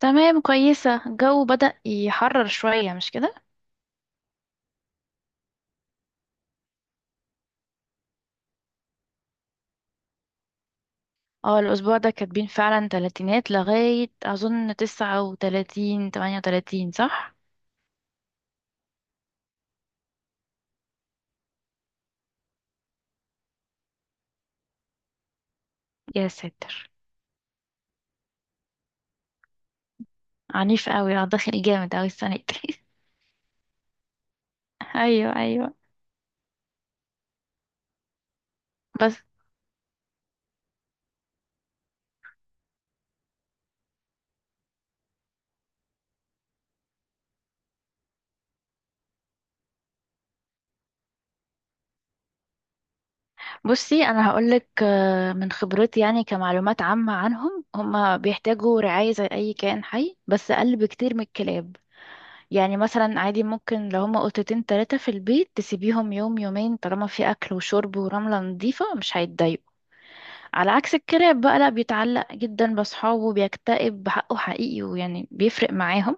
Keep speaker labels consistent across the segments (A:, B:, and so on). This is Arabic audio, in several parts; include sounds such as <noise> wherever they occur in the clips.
A: تمام، كويسة. الجو بدأ يحرر شوية، مش كده؟ اه، الأسبوع ده كاتبين فعلا تلاتينات لغاية أظن 39، 38 صح؟ يا ساتر. عنيف قوي، اه داخل جامد قوي السنة دي. <laughs> أيوه أيوه. بس بصي، أنا هقولك من خبرتي، يعني كمعلومات عامة عنهم، هما بيحتاجوا رعاية زي أي كائن حي بس أقل بكتير من الكلاب. يعني مثلا عادي ممكن لو هما قطتين تلاتة في البيت تسيبيهم يوم يومين طالما في أكل وشرب ورملة نظيفة مش هيتضايقوا. على عكس الكلاب بقى، لا بيتعلق جدا بأصحابه، بيكتئب بحقه حقيقي، ويعني بيفرق معاهم.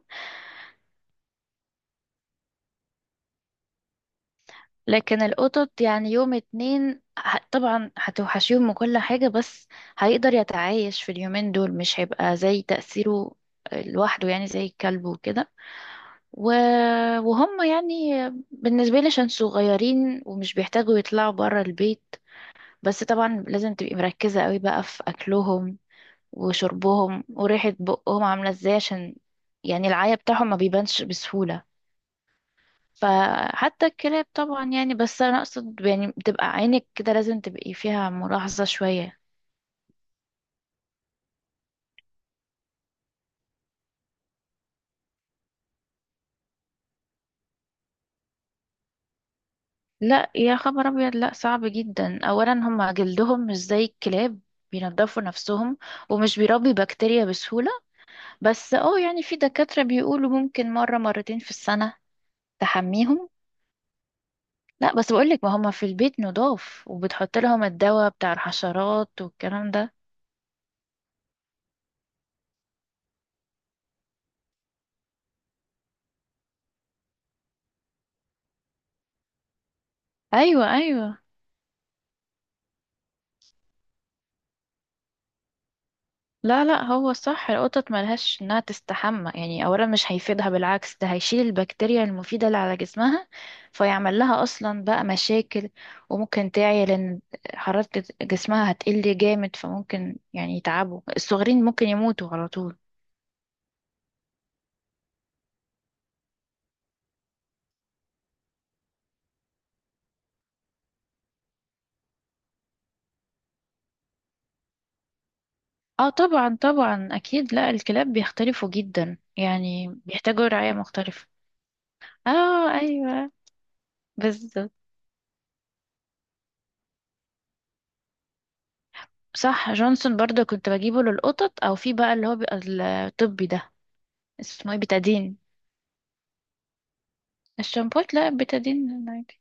A: لكن القطط يعني يوم اتنين طبعا هتوحشيهم وكل حاجة، بس هيقدر يتعايش في اليومين دول، مش هيبقى زي تأثيره لوحده يعني زي الكلب وكده و... وهم يعني بالنسبة لي عشان صغيرين ومش بيحتاجوا يطلعوا برا البيت. بس طبعا لازم تبقي مركزة قوي بقى في أكلهم وشربهم وريحة بقهم عاملة ازاي، عشان يعني العيا بتاعهم ما بيبانش بسهولة. فحتى الكلاب طبعا يعني، بس أنا أقصد يعني بتبقى عينك كده لازم تبقي فيها ملاحظة شوية. لا يا خبر أبيض، لا صعب جدا. أولا هما جلدهم مش زي الكلاب، بينضفوا نفسهم ومش بيربي بكتيريا بسهولة. بس اه يعني في دكاترة بيقولوا ممكن مرة مرتين في السنة تحميهم. لا بس بقولك، ما هما في البيت نضاف وبتحط لهم الدواء بتاع الحشرات والكلام ده. ايوه ايوه. لا لا، هو صح، القطط ملهاش انها تستحمى، يعني اولا مش هيفيدها، بالعكس ده هيشيل البكتيريا المفيدة اللي على جسمها فيعمل لها اصلا بقى مشاكل. وممكن تعيا لان حرارة جسمها هتقل جامد، فممكن يعني يتعبوا الصغيرين، ممكن يموتوا على طول. اه طبعا طبعا اكيد. لا الكلاب بيختلفوا جدا، يعني بيحتاجوا رعاية مختلفة. اه ايوه. بالظبط. صح، جونسون برضو كنت بجيبه للقطط، او في بقى اللي هو بيبقى الطبي ده، اسمه ايه، بيتادين. الشامبوت لا، بيتادين عادي.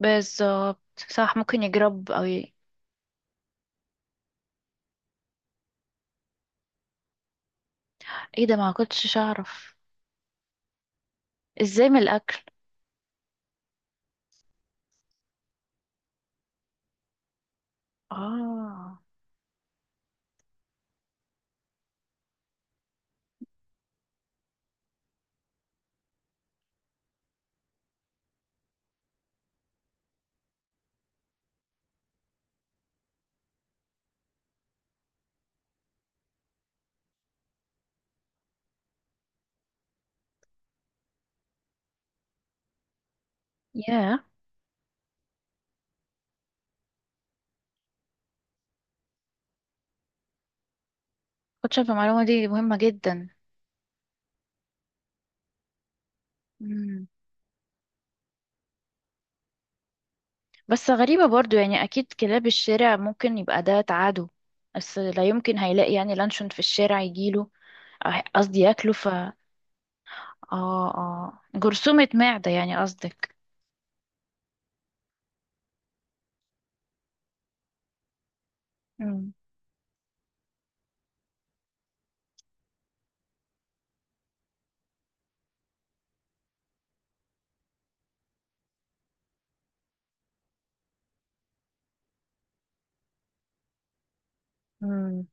A: بالظبط. صح، ممكن يجرب او ايه ده، ما كنتش اعرف. ازاي من الاكل؟ اه. ياه، كنتش اعرف المعلومه دي، مهمه جدا. مم. بس غريبه برضو، يعني اكيد كلاب الشارع ممكن يبقى ده تعاده، بس لا يمكن هيلاقي يعني لانشون في الشارع يجيله، قصدي ياكله. اه اه، جرثومة معدة يعني قصدك. مم. مم.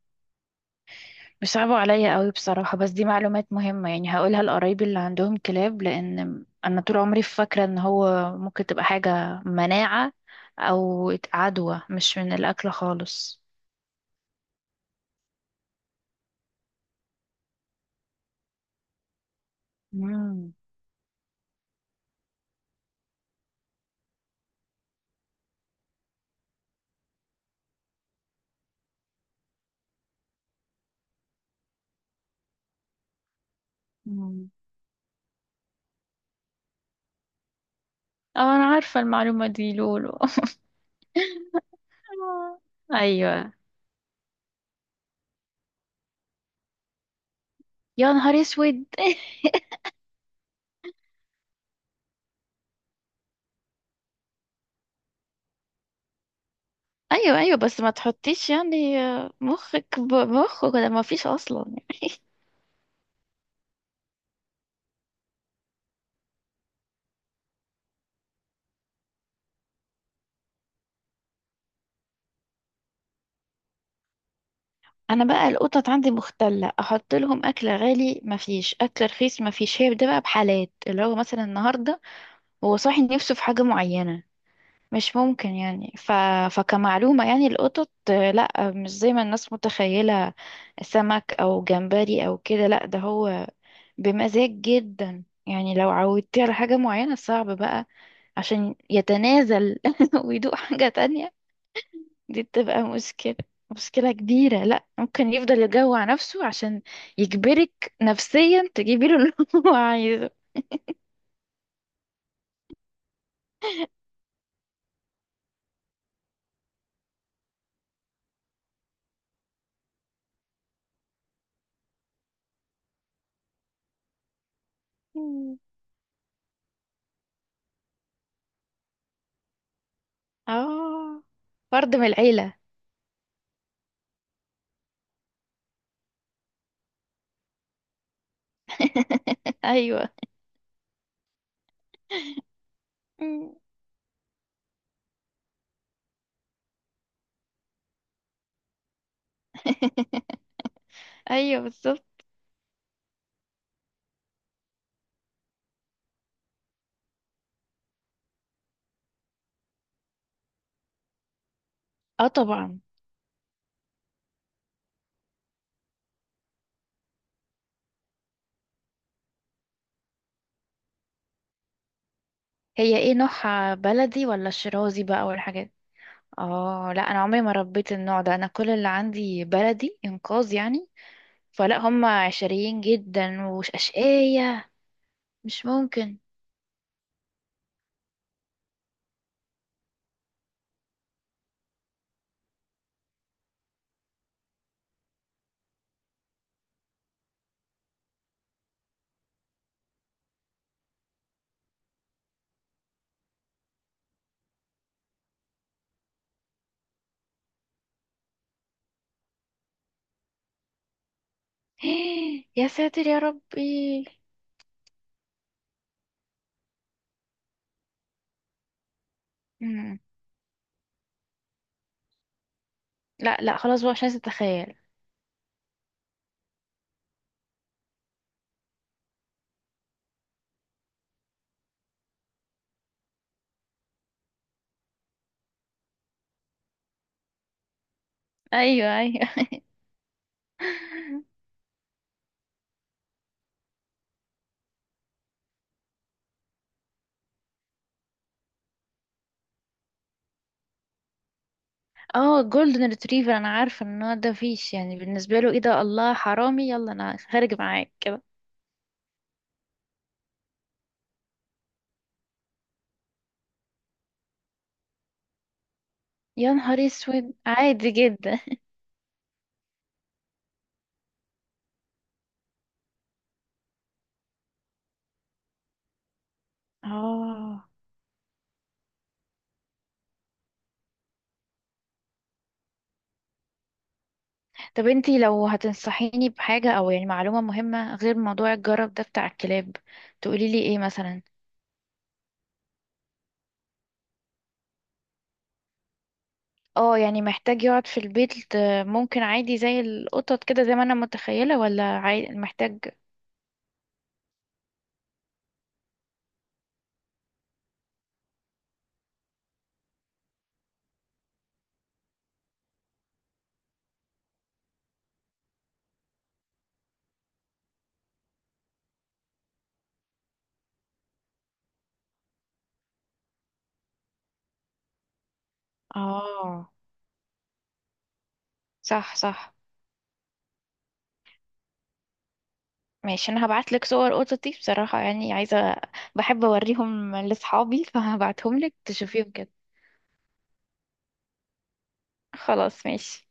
A: بيصعبوا عليا قوي بصراحة، بس دي معلومات مهمة، يعني هقولها لقرايبي اللي عندهم كلاب، لأن أنا طول عمري فاكرة إن هو ممكن تبقى حاجة مناعة أو عدوى، مش من الأكل خالص. مم. مم. اه أنا عارفة المعلومة دي لولو. <laughs> آه. أيوة. يا نهار أسود. <laughs> أيوة أيوة، بس ما تحطيش يعني مخك بمخه كده، ما فيش أصلا. انا بقى القطط عندي مختلة، احط لهم اكل غالي، مفيش اكل رخيص مفيش، هي ده بقى، بحالات اللي هو مثلا النهاردة هو صاحي نفسه في حاجة معينة، مش ممكن يعني فكمعلومة يعني القطط لا مش زي ما الناس متخيلة سمك او جمبري او كده، لا ده هو بمزاج جدا. يعني لو عودتيه على حاجة معينة صعب بقى عشان يتنازل <laughs> ويدوق حاجة تانية. دي بتبقى مشكلة، مشكلة كبيرة. لا ممكن يفضل يجوع نفسه عشان يجبرك نفسيا تجيبي له اللي <laughs> هو عايزه. مم. اه، فرد من العيلة. <laughs> ايوه. مم. <laughs> ايوه بالظبط. اه طبعا. هي ايه نوعها، بلدي ولا شيرازي بقى والحاجات؟ اه لا، انا عمري ما ربيت النوع ده، انا كل اللي عندي بلدي انقاذ يعني، فلا هم عشريين جدا واشقية. مش ممكن. <gasps> يا ساتر يا ربي. مم. لا لا خلاص بقى، مش عايزة اتخيل. ايوه ايوه. <laughs> اه جولدن ريتريفر، انا عارفة ان هو ده فيش يعني بالنسبة له ايه ده، الله حرامي يلا انا خارج معاك كده. يا نهار اسود، عادي جدا. اه. طب انتي لو هتنصحيني بحاجة او يعني معلومة مهمة غير موضوع الجرب ده بتاع الكلاب، تقولي لي ايه مثلا؟ اه يعني محتاج يقعد في البيت ممكن عادي زي القطط كده زي ما انا متخيلة، ولا محتاج؟ اه. صح صح. ماشي، انا هبعت لك صور قطط دي بصراحة، يعني عايزة، بحب اوريهم لاصحابي فهبعتهم لك تشوفيهم كده. خلاص ماشي.